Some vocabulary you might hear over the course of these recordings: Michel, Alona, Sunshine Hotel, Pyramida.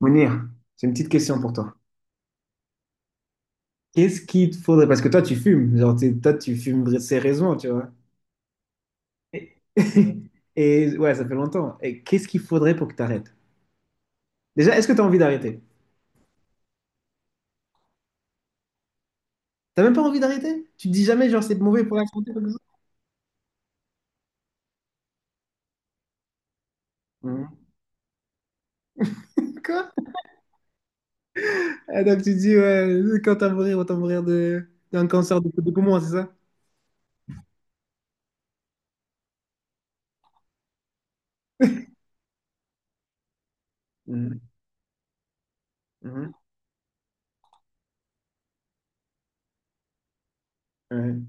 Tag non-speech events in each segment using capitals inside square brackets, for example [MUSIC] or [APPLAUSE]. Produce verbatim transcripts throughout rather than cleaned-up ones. Mounir, c'est une petite question pour toi. Qu'est-ce qu'il te faudrait, parce que toi tu fumes, genre t'es- toi tu fumes sérieusement, tu vois. Et, [LAUGHS] et ouais, ça fait longtemps. Et qu'est-ce qu'il faudrait pour que tu arrêtes? Déjà, est-ce que tu as envie d'arrêter? T'as même pas envie d'arrêter? Tu te dis jamais, genre c'est mauvais pour la santé, comme ça? Mhm. Quoi? Ah, donc tu te dis, ouais, quand t'as mourir, autant mourir de, d'un cancer de, de poumon, c'est ça? Mhm. Mhm. Ouais,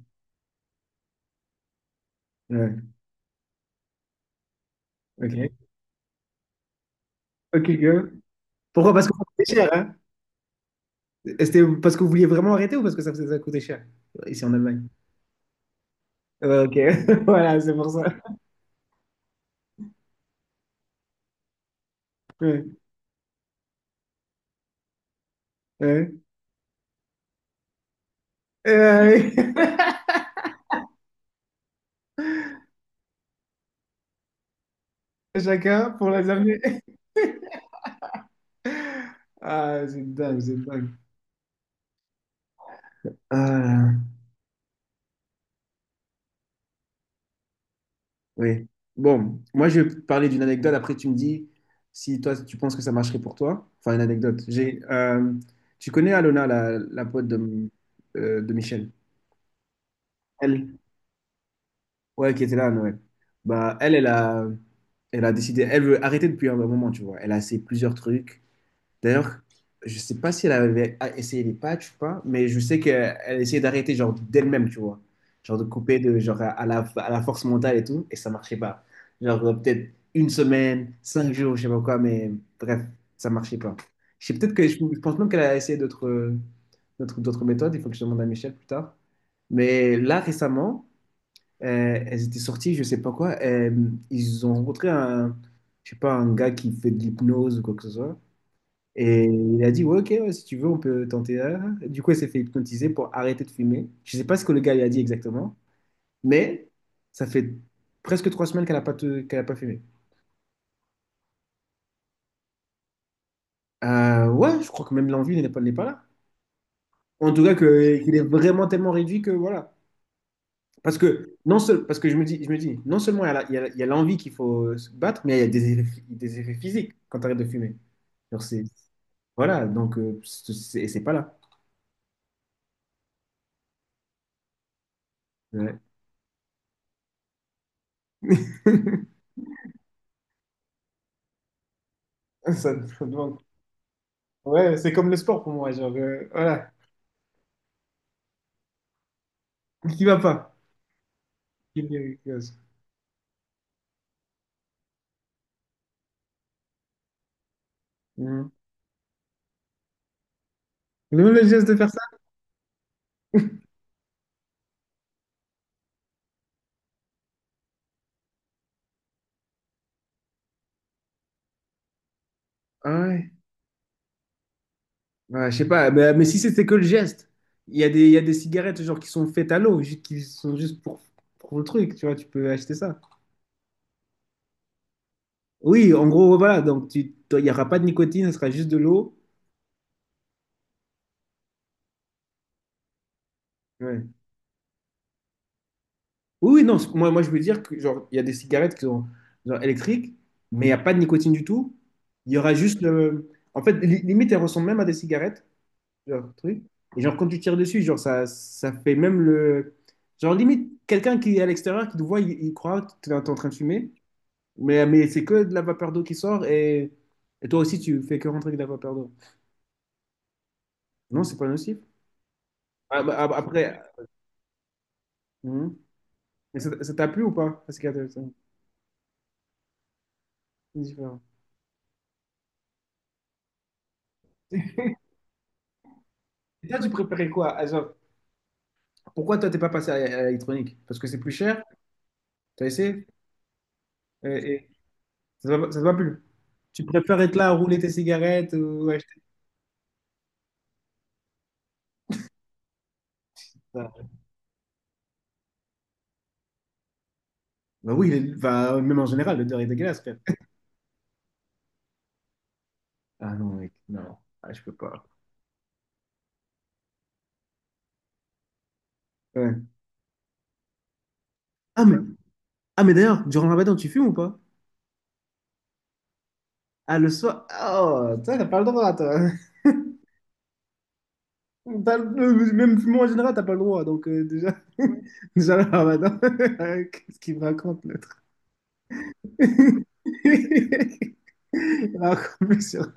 ouais, ok. Ok, girl. Pourquoi? Parce que ça coûtait cher, hein? C'était parce que vous vouliez vraiment arrêter ou parce que ça faisait ça coûtait cher? Ici en Allemagne. Ouais, ok, [LAUGHS] voilà, c'est pour ça. Ouais, ouais. Et, euh, [LAUGHS] chacun pour la dernière. Ah, c'est dingue, c'est dingue. Ah, oui. Bon, moi, je vais parler d'une anecdote. Après, tu me dis si toi, tu penses que ça marcherait pour toi. Enfin, une anecdote. J'ai, euh, tu connais Alona, la, la pote de, euh, de Michel? Elle, ouais, qui était là à Noël. Bah, elle, elle a, elle a décidé, elle veut arrêter depuis un bon moment, tu vois. Elle a essayé plusieurs trucs. D'ailleurs, je sais pas si elle avait a- essayé les patchs ou pas, mais je sais qu'elle essayait d'arrêter genre d'elle-même, tu vois. Genre de couper de, genre à à la, à la force mentale et tout, et ça marchait pas. Genre euh, peut-être une semaine, cinq jours, je sais pas quoi, mais bref, ça marchait pas. Je sais peut-être que je, je pense même qu'elle a essayé d'autres euh, d'autres d'autres méthodes, il faut que je demande à Michel plus tard. Mais là, récemment, euh, elles étaient sorties, je sais pas quoi. euh, ils ont rencontré un, je sais pas, un gars qui fait de l'hypnose ou quoi que ce soit. Et il a dit, ouais, ok, ouais, si tu veux, on peut tenter. euh. Du coup, elle s'est fait hypnotiser pour arrêter de fumer. Je sais pas ce que le gars lui a dit exactement, mais ça fait presque trois semaines qu'elle a pas, te- qu'elle a pas fumé. Euh, ouais, je crois que même l'envie n'est pas, n'est pas là. En tout cas, que, qu'il est vraiment tellement réduit que voilà. Parce que, non seul, parce que je me dis, je me dis, non seulement il y a la- il y a la- il y a l'envie qu'il faut se battre, mais il y a des effets, des effets physiques quand tu arrêtes de fumer. Genre, c'est, voilà, donc euh, c'est c'est- c'est pas là. Ouais. [LAUGHS] Ça, ça demande. Ouais, c'est comme le sport pour moi, genre, euh, voilà, qui va pas. Qui me diagnostique. Mhm. Le même geste de faire ça? Ah ouais, ouais, je sais pas, mais, mais si c'était que le geste, il y a des, il y a des cigarettes genre qui sont faites à l'eau, ju- qui sont juste pour, pour le truc, tu vois, tu peux acheter ça. Oui, en gros, voilà, donc tu, toi, il n'y aura pas de nicotine, ce sera juste de l'eau. Ouais. Oui, oui, non, c- moi, moi je veux dire que genre, il y a des cigarettes qui sont genre électriques, mais il n'y a pas de nicotine du tout. Il y aura juste le. En fait, li- limite, elles ressemblent même à des cigarettes, genre truc. Et genre quand tu tires dessus, genre ça, ça fait même le... Genre limite, quelqu'un qui est à l'extérieur, qui te voit, il, il croit que tu es en train de fumer, mais, mais c'est que de la vapeur d'eau qui sort, et, et toi aussi tu fais que rentrer de la vapeur d'eau. Non, c'est pas nocif. Ah, bah, ah, bah, après, hum. Et ça ça t'a plu ou pas? Parce qu'il c'est différent. Et toi, tu préférais quoi? Ah, genre, pourquoi toi, t'es pas passé à à l'électronique? Parce que c'est plus cher, t'as essayé, et, et ça te va ça te va plus. Tu préfères être là à rouler tes cigarettes ou acheter ça? Bah oui, il est- enfin, même en général, l'odeur est dégueulasse, frère. Ah non, mec, non, ah, je peux pas. Ouais. Ah, mais, ah, mais d'ailleurs, durant le ramadan, tu fumes ou pas? Ah, le soir, oh, toi, t'as pas le droit, toi. [LAUGHS] T'as le- Même fumer en général, t'as pas le droit, donc euh, déjà, [LAUGHS] déjà le ramadan, [LAUGHS] qu'est-ce qu'il me raconte, l'autre? [LAUGHS] Il raconte plus [LAUGHS] sur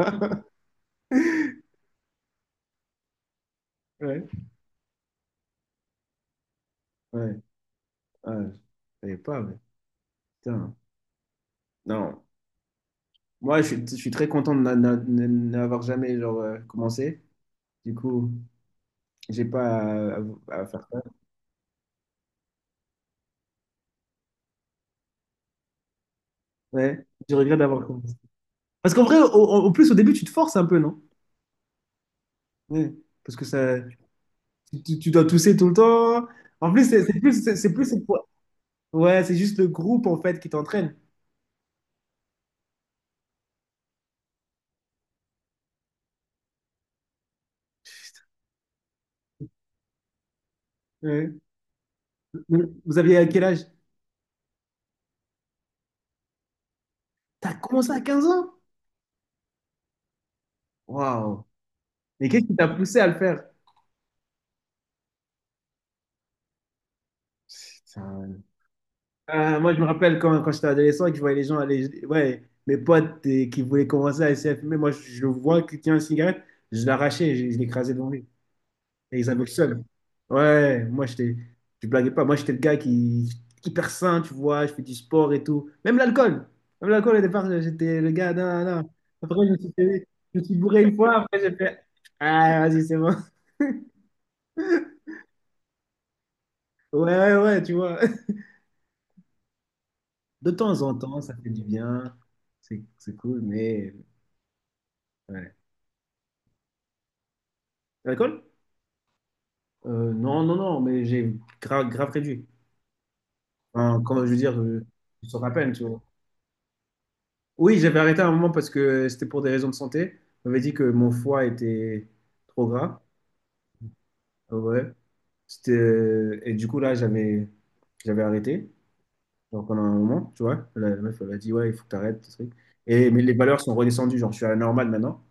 ouais, ouais, ouais, je savais pas, mais putain. Non, moi, je suis, je suis très content de n'a- n'a- n'a- n'avoir jamais genre, euh, commencé. Du coup, j'ai pas à, à- faire ça. Ouais, je regrette d'avoir commencé. Parce qu'en vrai, au- au- en plus, au début, tu te forces un peu, non? Ouais. Parce que ça, tu, tu- tu dois tousser tout le temps. En plus, c'est c'est plus, c'est c'est plus, c'est pour- ouais, c'est juste le groupe, en fait, qui t'entraîne. Ouais. Vous aviez à quel âge? T'as commencé à quinze ans? Waouh! Mais qu'est-ce qui t'a poussé à le faire? Putain. Euh, moi, je me rappelle quand, quand j'étais adolescent et que je voyais les gens aller, ouais, mes potes et qui voulaient commencer à essayer de fumer. Moi, je, je le vois qui tient une cigarette, je l'arrachais, je, je l'écrasais devant lui. Et ils avaient le seum. Ouais, moi, j'étais, je blaguais pas. Moi, j'étais le gars qui, hyper sain, tu vois, je fais du sport et tout. Même l'alcool. Même l'alcool, au départ, j'étais le gars, non, non. Après, je me suis, fait- je me suis bourré une fois, après, j'ai fait, ah, vas-y, c'est bon. Ouais, ouais, ouais, tu vois. De temps en temps, ça fait du bien. C'est c'est cool, mais ouais. L'alcool? Euh, non, non, non, mais j'ai grave, grave réduit. Enfin, quand je veux dire, euh, je sors à peine, tu vois. Oui, j'avais arrêté à un moment parce que c'était pour des raisons de santé. On m'avait dit que mon foie était trop gras. Ah ouais. C'était... euh, et du coup, là, j'avais j'avais arrêté. Donc, pendant un moment, tu vois, la, la meuf, elle a dit, ouais, il faut que tu arrêtes. Et, mais les valeurs sont redescendues. Genre, je suis à la normale maintenant.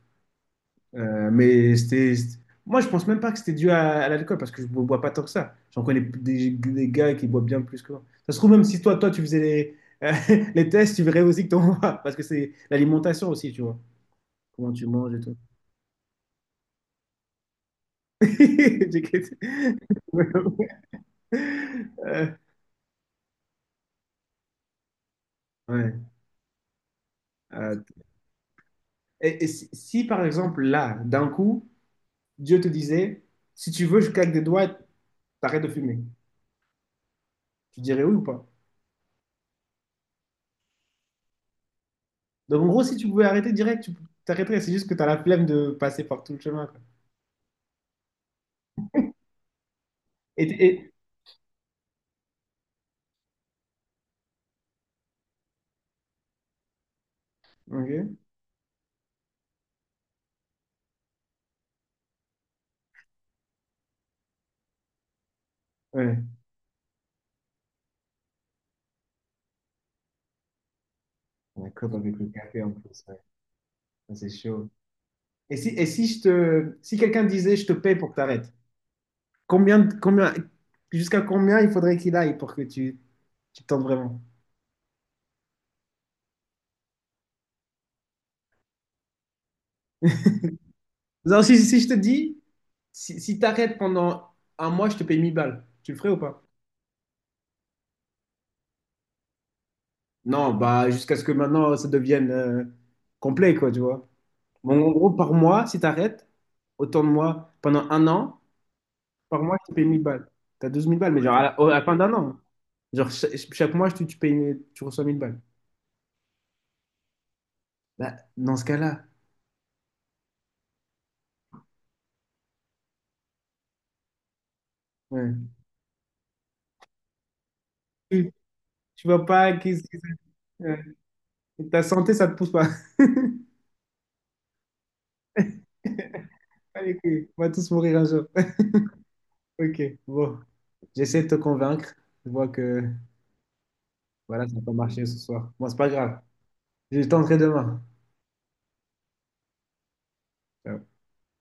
Euh, mais c'était. c'était- Moi, je pense même pas que c'était dû à, à l'alcool parce que je ne bois pas tant que ça. J'en connais des, des gars qui boivent bien plus que moi. Ça se trouve, même si toi, toi, tu faisais les, euh, [LAUGHS] les tests, tu verrais aussi que t'en bois parce que c'est l'alimentation aussi, tu vois. Comment tu manges et tout. [LAUGHS] J'ai quitté. Euh, ouais. Euh, et, et si, si, par exemple, là, d'un coup, Dieu te disait, si tu veux, je claque des doigts, t'arrêtes de fumer. Tu dirais oui ou pas? Donc, en gros, si tu pouvais arrêter direct, tu t'arrêterais. C'est juste que tu as la flemme de passer par tout le chemin, quoi. Et, et... Ok. Ouais. La cope avec le café en plus, ouais. Ça, C'est chaud. Et si, et si je te, si quelqu'un disait, je te paye pour que t'arrêtes, combien, combien, jusqu'à combien il faudrait qu'il aille pour que tu, tu tentes vraiment? Non, si, si je te dis, si, si t'arrêtes pendant un mois, je te paye mille balles, tu le ferais ou pas? Non, bah jusqu'à ce que maintenant ça devienne euh, complet, quoi, tu vois. Bon, en gros, par mois, si t'arrêtes, autant de moi, pendant un an, par mois, je te paye mille balles. Tu as douze mille balles, mais genre à la, au- à la fin d'un an. Genre, cha- chaque mois, je te- tu payes, tu reçois mille balles. Bah, dans ce cas-là, ouais. Tu, tu vois pas qu'est-ce que ça- ouais. Ta santé, ça te pousse pas. [LAUGHS] Allez, couilles, on va tous mourir un jour. [LAUGHS] Ok, bon. J'essaie de te convaincre. Je vois que voilà, ça n'a pas marché ce soir. Bon, c'est pas grave. Je tenterai demain. Ciao.